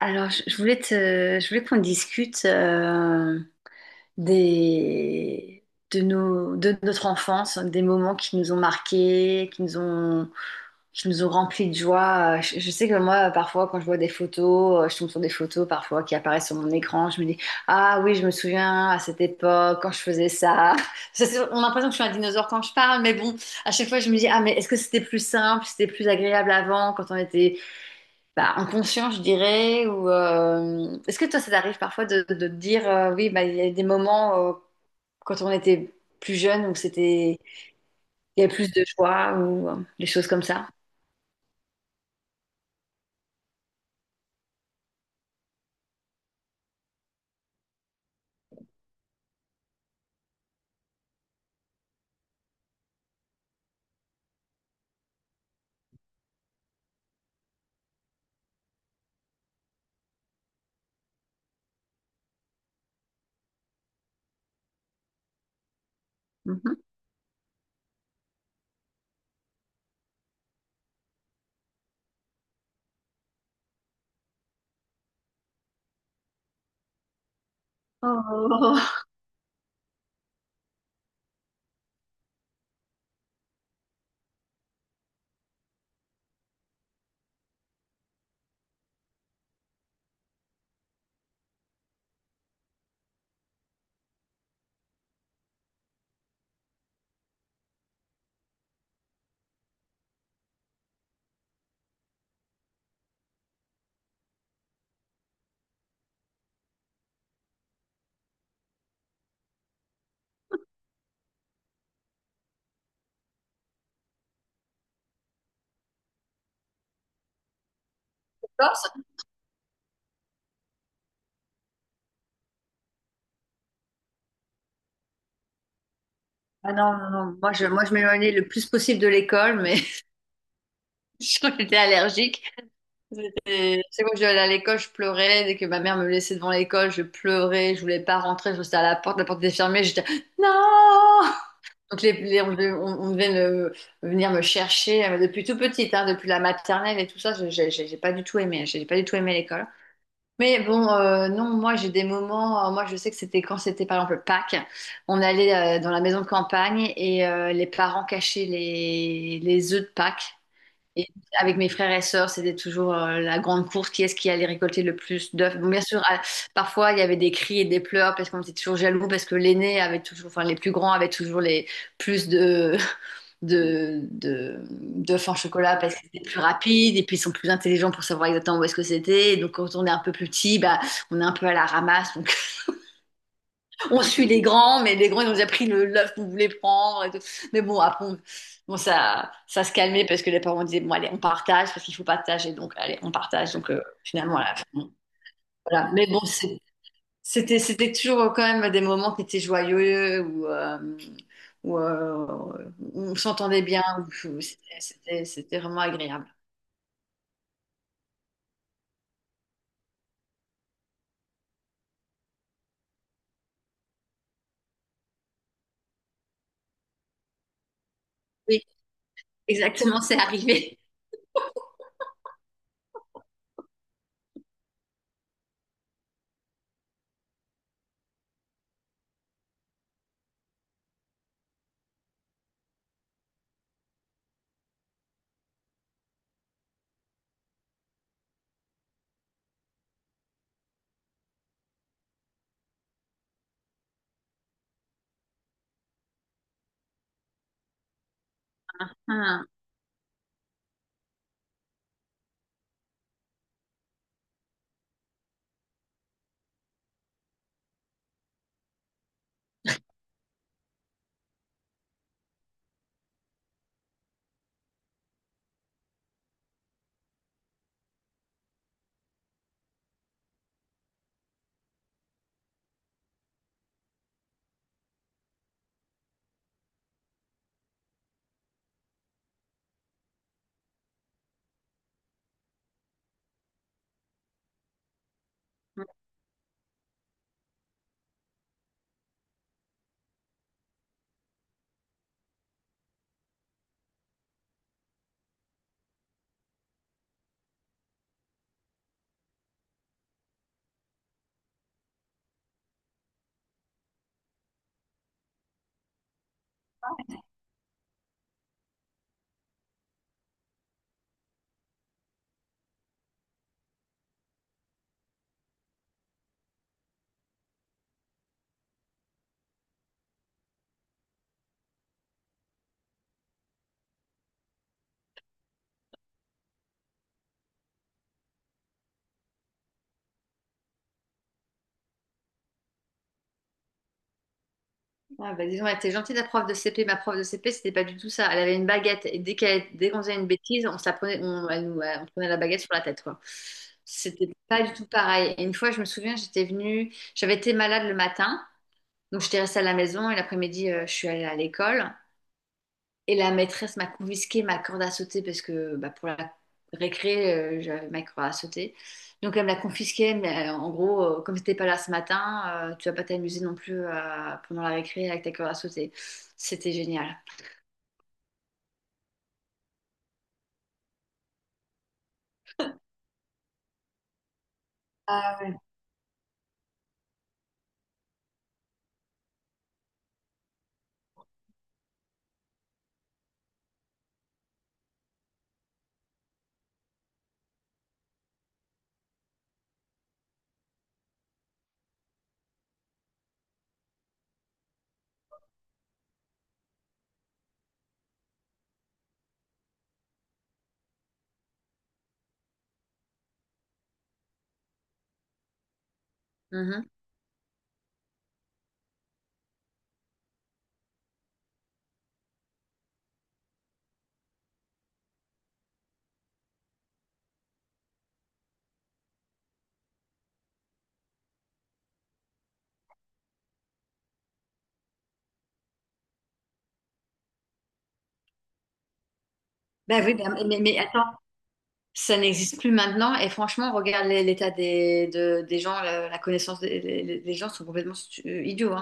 Alors, je voulais te, je voulais qu'on discute des, de nos, de notre enfance, des moments qui nous ont marqués, qui nous ont remplis de joie. Je sais que moi, parfois, quand je vois des photos, je tombe sur des photos parfois qui apparaissent sur mon écran, je me dis, ah oui, je me souviens à cette époque quand je faisais ça. Je sais- on a l'impression que je suis un dinosaure quand je parle, mais bon, à chaque fois, je me dis, ah mais est-ce que c'était plus simple, c'était plus agréable avant quand on était bah, inconscient, je dirais, ou est-ce que toi, ça t'arrive parfois de te dire, oui, bah, il y a des moments quand on était plus jeune où c'était, il y avait plus de choix ou des choses comme ça. Mhm. Oh, Corse. Ah non, non, non. Moi, je m'éloignais le plus possible de l'école, mais j'étais allergique. C'était- c'est quand je devais aller à l'école, je pleurais. Dès que ma mère me laissait devant l'école, je pleurais. Je voulais pas rentrer, je restais à la porte. La porte était fermée. J'étais non! Donc les- on devait me- venir me chercher depuis tout petite, hein, depuis la maternelle et tout ça. J'ai pas du tout aimé, j'ai pas du tout aimé l'école. Mais bon, non, moi j'ai des moments. Moi je sais que c'était quand c'était par exemple Pâques, on allait dans la maison de campagne et les parents cachaient les œufs de Pâques et avec mes frères et sœurs, c'était toujours la grande course, qui est-ce qui allait récolter le plus d'œufs. Bon, bien sûr, à- parfois il y avait des cris et des pleurs parce qu'on était toujours jaloux parce que l'aîné avait toujours, enfin les plus grands avaient toujours les plus de de d'œufs en chocolat parce qu'ils étaient plus rapides et puis ils sont plus intelligents pour savoir exactement où est-ce que c'était. Et donc quand on est un peu plus petit, bah on est un peu à la ramasse, on suit les grands, mais les grands, ils ont déjà pris le l'œuf qu'on voulait prendre et tout. Mais bon, après, on- bon, ça se calmait parce que les parents disaient, bon, allez, on partage parce qu'il faut partager. Donc, allez, on partage. Donc, finalement, à la fin, bon, voilà. Mais bon, c'est- c'était, c'était toujours quand même des moments qui étaient joyeux où, où, on s'entendait bien. Où c'était, c'était- c'était vraiment agréable. Oui, exactement, c'est arrivé. Ah bah disons donc, elle était gentille la prof de CP. Ma prof de CP, c'était pas du tout ça. Elle avait une baguette et dès qu'elle, dès qu'on faisait une bêtise, on se la prenait, on, elle nous, on prenait la baguette sur la tête, quoi. C'était pas du tout pareil. Et une fois, je me souviens, j'étais venue, j'avais été malade le matin, donc j'étais restée à la maison et l'après-midi, je suis allée à l'école. Et la maîtresse m'a confisqué ma corde à sauter parce que bah, pour la récré, j'avais ma corde à sauter. Donc elle me l'a confisquée, mais en gros, comme t'étais pas là ce matin, tu vas pas t'amuser non plus pendant la récré avec ta corde à sauter. C'était génial. Ah. Mhm. Bah oui, bah, mais attends, ça n'existe plus maintenant. Et franchement, regarde l'é- l'état des, de- des gens, la connaissance des gens sont complètement stu- idiots.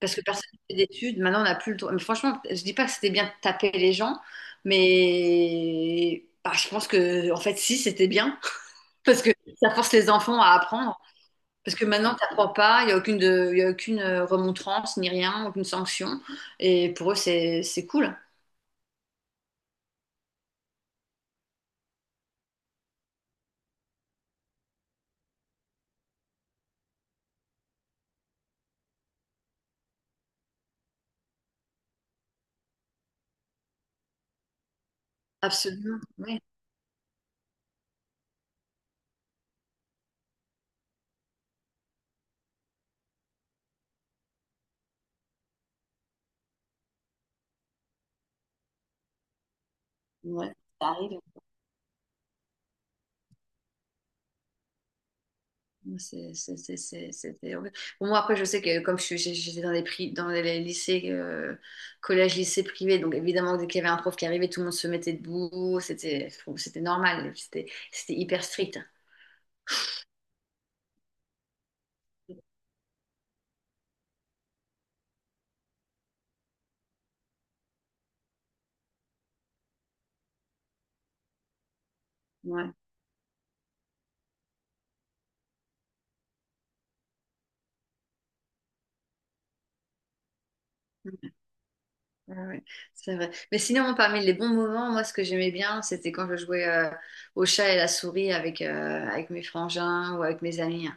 Parce que personne ne fait d'études. Maintenant, on n'a plus le droit. Mais franchement, je dis pas que c'était bien de taper les gens, mais bah, je pense que, en fait, si, c'était bien. Parce que ça force les enfants à apprendre. Parce que maintenant, tu n'apprends pas, il n'y a aucune, de- il y a aucune remontrance, ni rien, aucune sanction. Et pour eux, c'est cool. Absolument. Ouais. Ouais, ça arrive. Ouais, c'était horrible. Bon, moi, après, je sais que comme je suis- j'étais dans les prix, dans les lycées, collège, lycée privé, donc évidemment, dès qu'il y avait un prof qui arrivait, tout le monde se mettait debout. C'était, bon, c'était normal. C'était, c'était hyper strict. Ouais, ouais, ouais, c'est vrai. Mais sinon, parmi les bons moments, moi, ce que j'aimais bien, c'était quand je jouais au chat et la souris avec, avec mes frangins ou avec mes amis.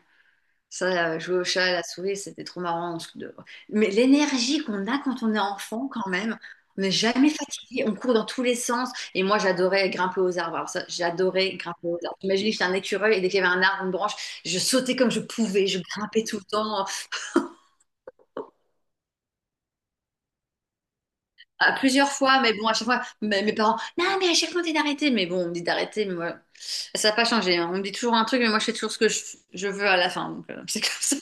Ça, jouer au chat, à la souris, c'était trop marrant. On se- de- mais l'énergie qu'on a quand on est enfant, quand même, on n'est jamais fatigué, on court dans tous les sens. Et moi, j'adorais grimper aux arbres. Alors ça, j'adorais grimper aux arbres. Imaginez, j'étais un écureuil et dès qu'il y avait un arbre, une branche, je sautais comme je pouvais, je grimpais tout le temps, à plusieurs fois. Mais bon, à chaque fois, mes, mes parents, non, mais à chaque fois, on dit d'arrêter. Mais bon, on me dit d'arrêter, mais moi, ça n'a pas changé. Hein. On me dit toujours un truc, mais moi, je fais toujours ce que je veux à la fin. Donc, c'est comme ça.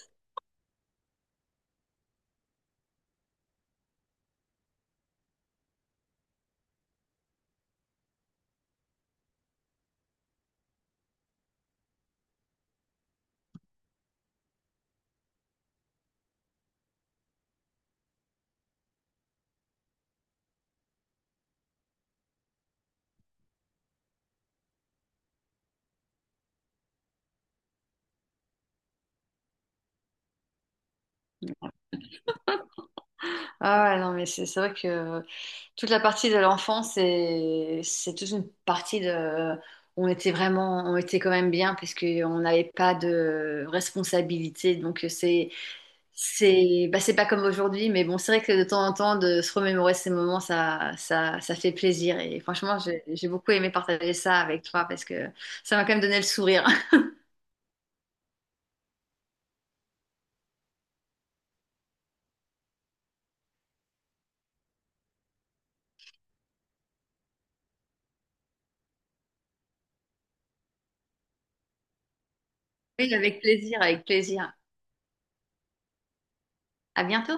Ah ouais, non, mais c'est vrai que toute la partie de l'enfance, c'est toute une partie de... On était vraiment, on était quand même bien parce qu'on n'avait pas de responsabilité. Donc c'est, bah, c'est pas comme aujourd'hui, mais bon, c'est vrai que de temps en temps, de se remémorer ces moments, ça fait plaisir. Et franchement, j'ai beaucoup aimé partager ça avec toi parce que ça m'a quand même donné le sourire. Oui, avec plaisir, avec plaisir. À bientôt.